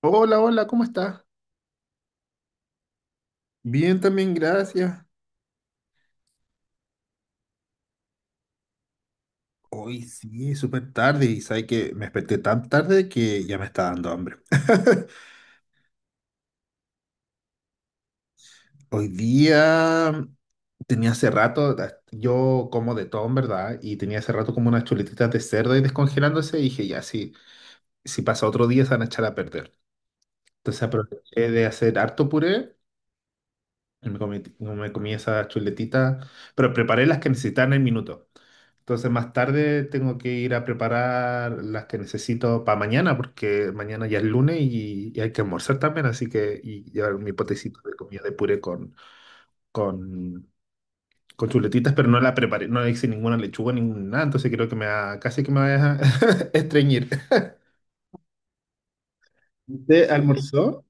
Hola, hola, ¿cómo estás? Bien, también, gracias. Hoy sí, súper tarde y sabes que me desperté tan tarde que ya me está dando hambre. Hoy día tenía hace rato, yo como de todo en verdad, y tenía hace rato como unas chuletitas de cerdo y descongelándose y dije, ya, sí, si pasa otro día se van a echar a perder. Entonces aproveché de hacer harto puré y me comí, no me comí esas chuletitas, pero preparé las que necesitaba en el minuto. Entonces más tarde tengo que ir a preparar las que necesito para mañana, porque mañana ya es lunes y hay que almorzar también, así que y llevar mi potecito de comida de puré con, con chuletitas, pero no la preparé, no le hice ninguna lechuga, ninguna nada, entonces creo que me va, casi que me va a dejar estreñir. ¿Usted almorzó?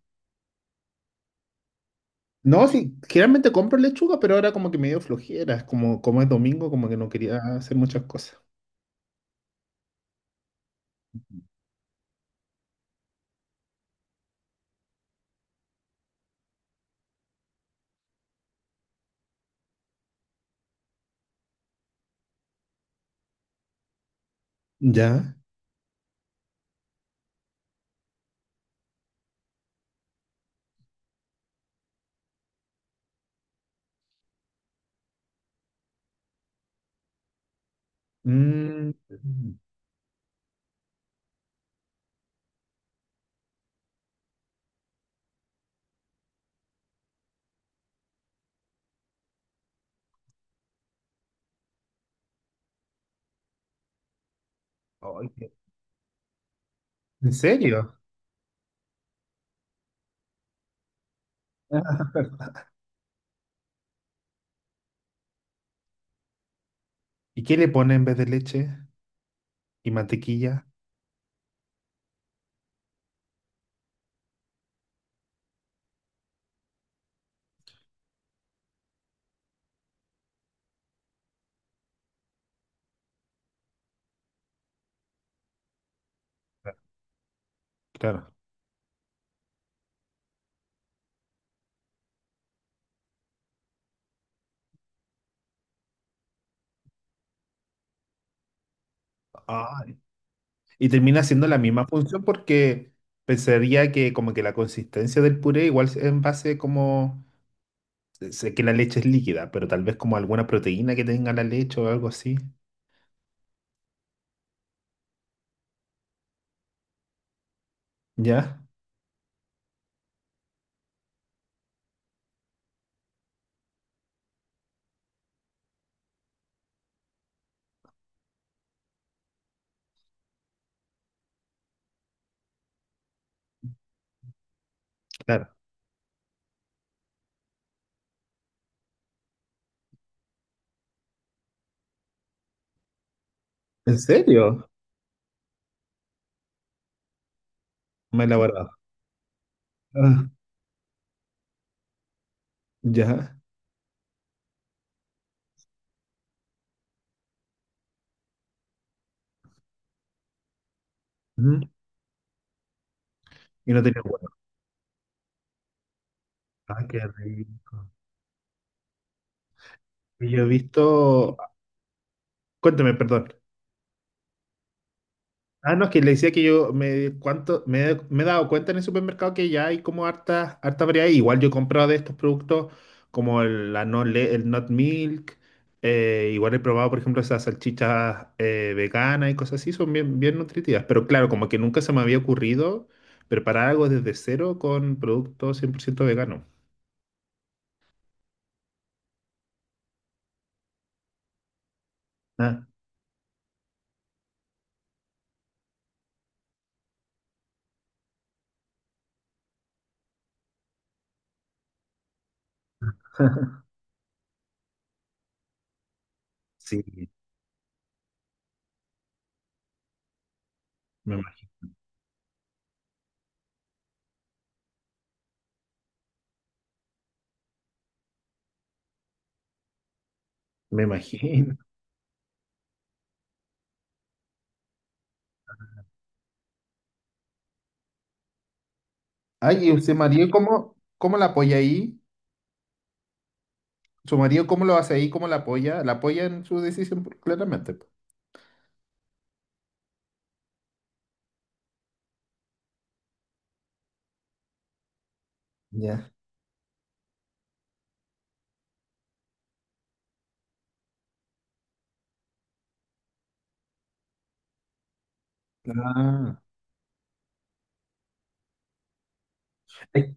No, sí, generalmente compro lechuga, pero ahora como que me dio flojera, como es domingo, como que no quería hacer muchas cosas. Ya. Mm. Ay, qué- ¿En serio? Ah. ¿Y qué le pone en vez de leche y mantequilla? Claro. Ay. Y termina haciendo la misma función porque pensaría que como que la consistencia del puré igual es en base como... Sé que la leche es líquida, pero tal vez como alguna proteína que tenga la leche o algo así. ¿Ya? Claro. ¿En serio? Me he elaborado. Ah, ya. Ujú. Y no tenía huevo. Ah, qué rico. Y yo he visto... Cuéntame, perdón. Ah, no, es que le decía que yo me he dado cuenta en el supermercado que ya hay como harta variedad. Igual yo he comprado de estos productos como el, la no le- el Not Milk. Igual he probado, por ejemplo, esas salchichas veganas y cosas así. Son bien nutritivas. Pero claro, como que nunca se me había ocurrido preparar algo desde cero con productos cien por ciento veganos. Ah, sí, me, ima- me imagino. Ay, y usted, María, ¿ cómo la apoya ahí? Su marido, ¿cómo lo hace ahí? ¿Cómo la apoya? La apoya en su decisión, pues, claramente. Pues. Ya. Ah. Ay,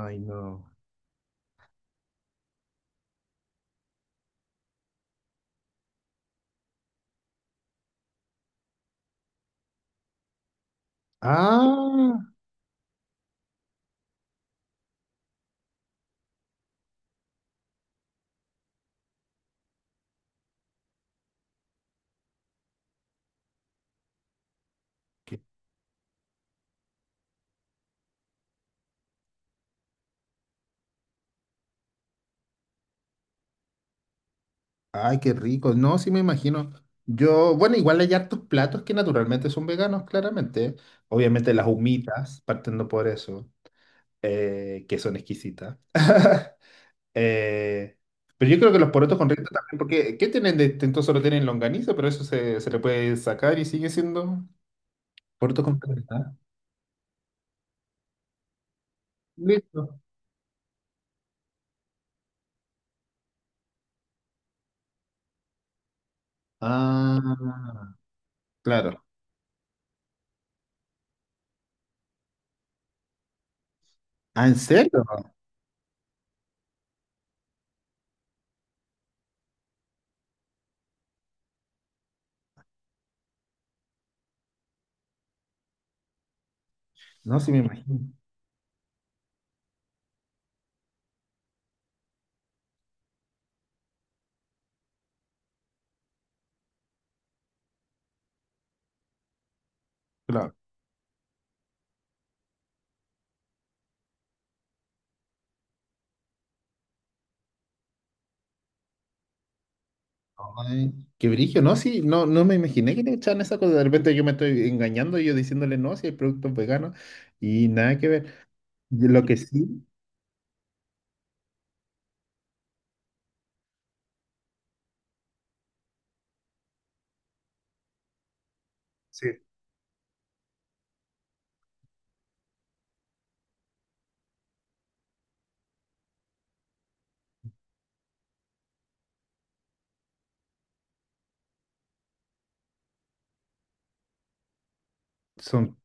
ay, no. Ah, qué- ay, qué rico. No, sí me imagino. Yo, bueno, igual hay hartos platos que naturalmente son veganos, claramente. Obviamente las humitas, partiendo por eso, que son exquisitas. Eh, pero yo creo que los porotos con rienda también, porque ¿qué tienen de distinto? Solo tienen longaniza, pero eso se le puede sacar y sigue siendo porotos con rienda. Listo. Ah, claro. Ah, ¿en serio? No, sí me imagino. Claro. Ay, qué brillo, ¿no? Sí, no, no me imaginé que le echaban esa cosa. De repente yo me estoy engañando, y yo diciéndole no, si hay productos veganos y nada que ver. Y lo que sí, sí, son,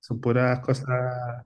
son puras cosas.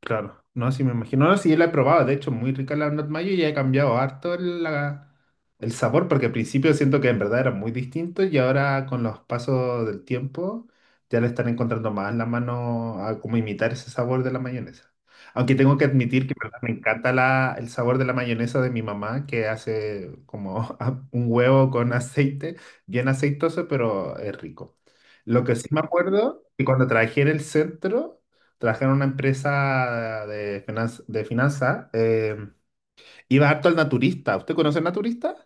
Claro, no, sí me imagino. No, sí, yo la he probado, de hecho, muy rica la not mayo y he cambiado harto el sabor, porque al principio siento que en verdad era muy distinto y ahora con los pasos del tiempo ya le están encontrando más la mano a cómo imitar ese sabor de la mayonesa. Aunque tengo que admitir que en verdad, me encanta el sabor de la mayonesa de mi mamá, que hace como un huevo con aceite, bien aceitoso, pero es rico. Lo que sí me acuerdo, que cuando trabajé en el centro trabajaba en una empresa de de finanza, iba harto al naturista. ¿Usted conoce al naturista?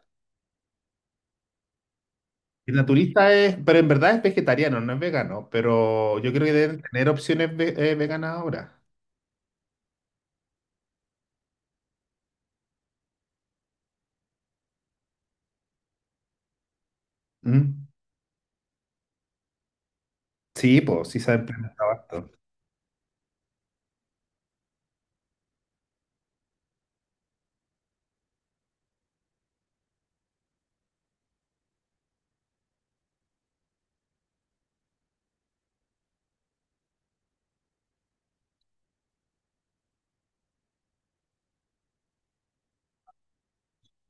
El naturista es, pero en verdad es vegetariano, no es vegano, pero yo creo que deben tener opciones veganas ahora. Mm. Sí, pues sí se ha implementado harto.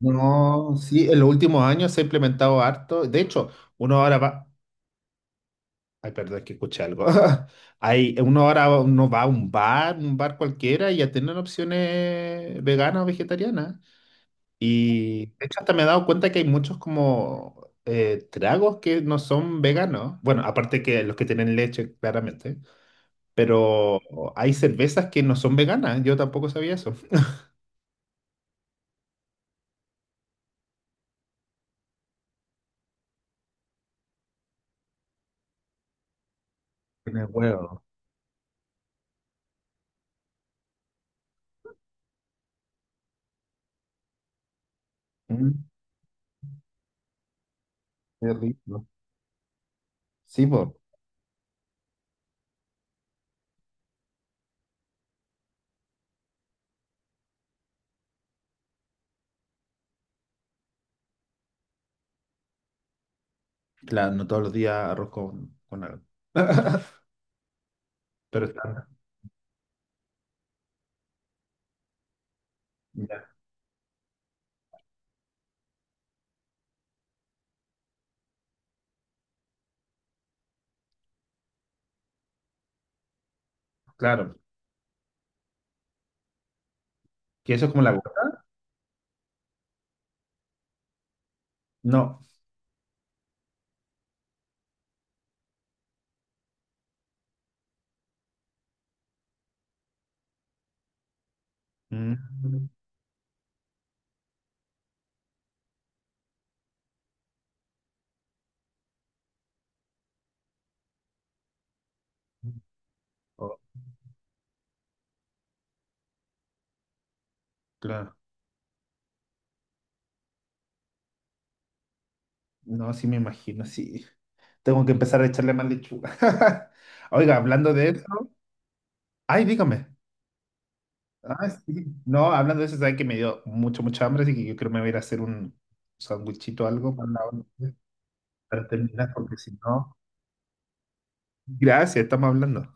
No, sí, en los últimos años se ha implementado harto. De hecho, uno ahora va. Ay, perdón, es que escuché algo. Hay, uno ahora uno va a un bar cualquiera, y ya tienen opciones veganas o vegetarianas. Y de hecho hasta me he dado cuenta que hay muchos como tragos que no son veganos. Bueno, aparte que los que tienen leche, claramente. Pero hay cervezas que no son veganas. Yo tampoco sabía eso. Tiene huevo. Mm. Qué rico. Sí, pues. Claro, no todos los días arroz con algo. Pero está. Ya, claro. Que eso es como la gota. No. Mm, oh, claro. No, sí me imagino, sí. Tengo que empezar a echarle más lechuga. Oiga, hablando de eso. Ay, dígame. Ah, sí. No, hablando de eso, sabe que me dio mucha hambre, así que yo creo que me voy a ir a hacer un sandwichito o algo para terminar, porque si no. Gracias, estamos hablando.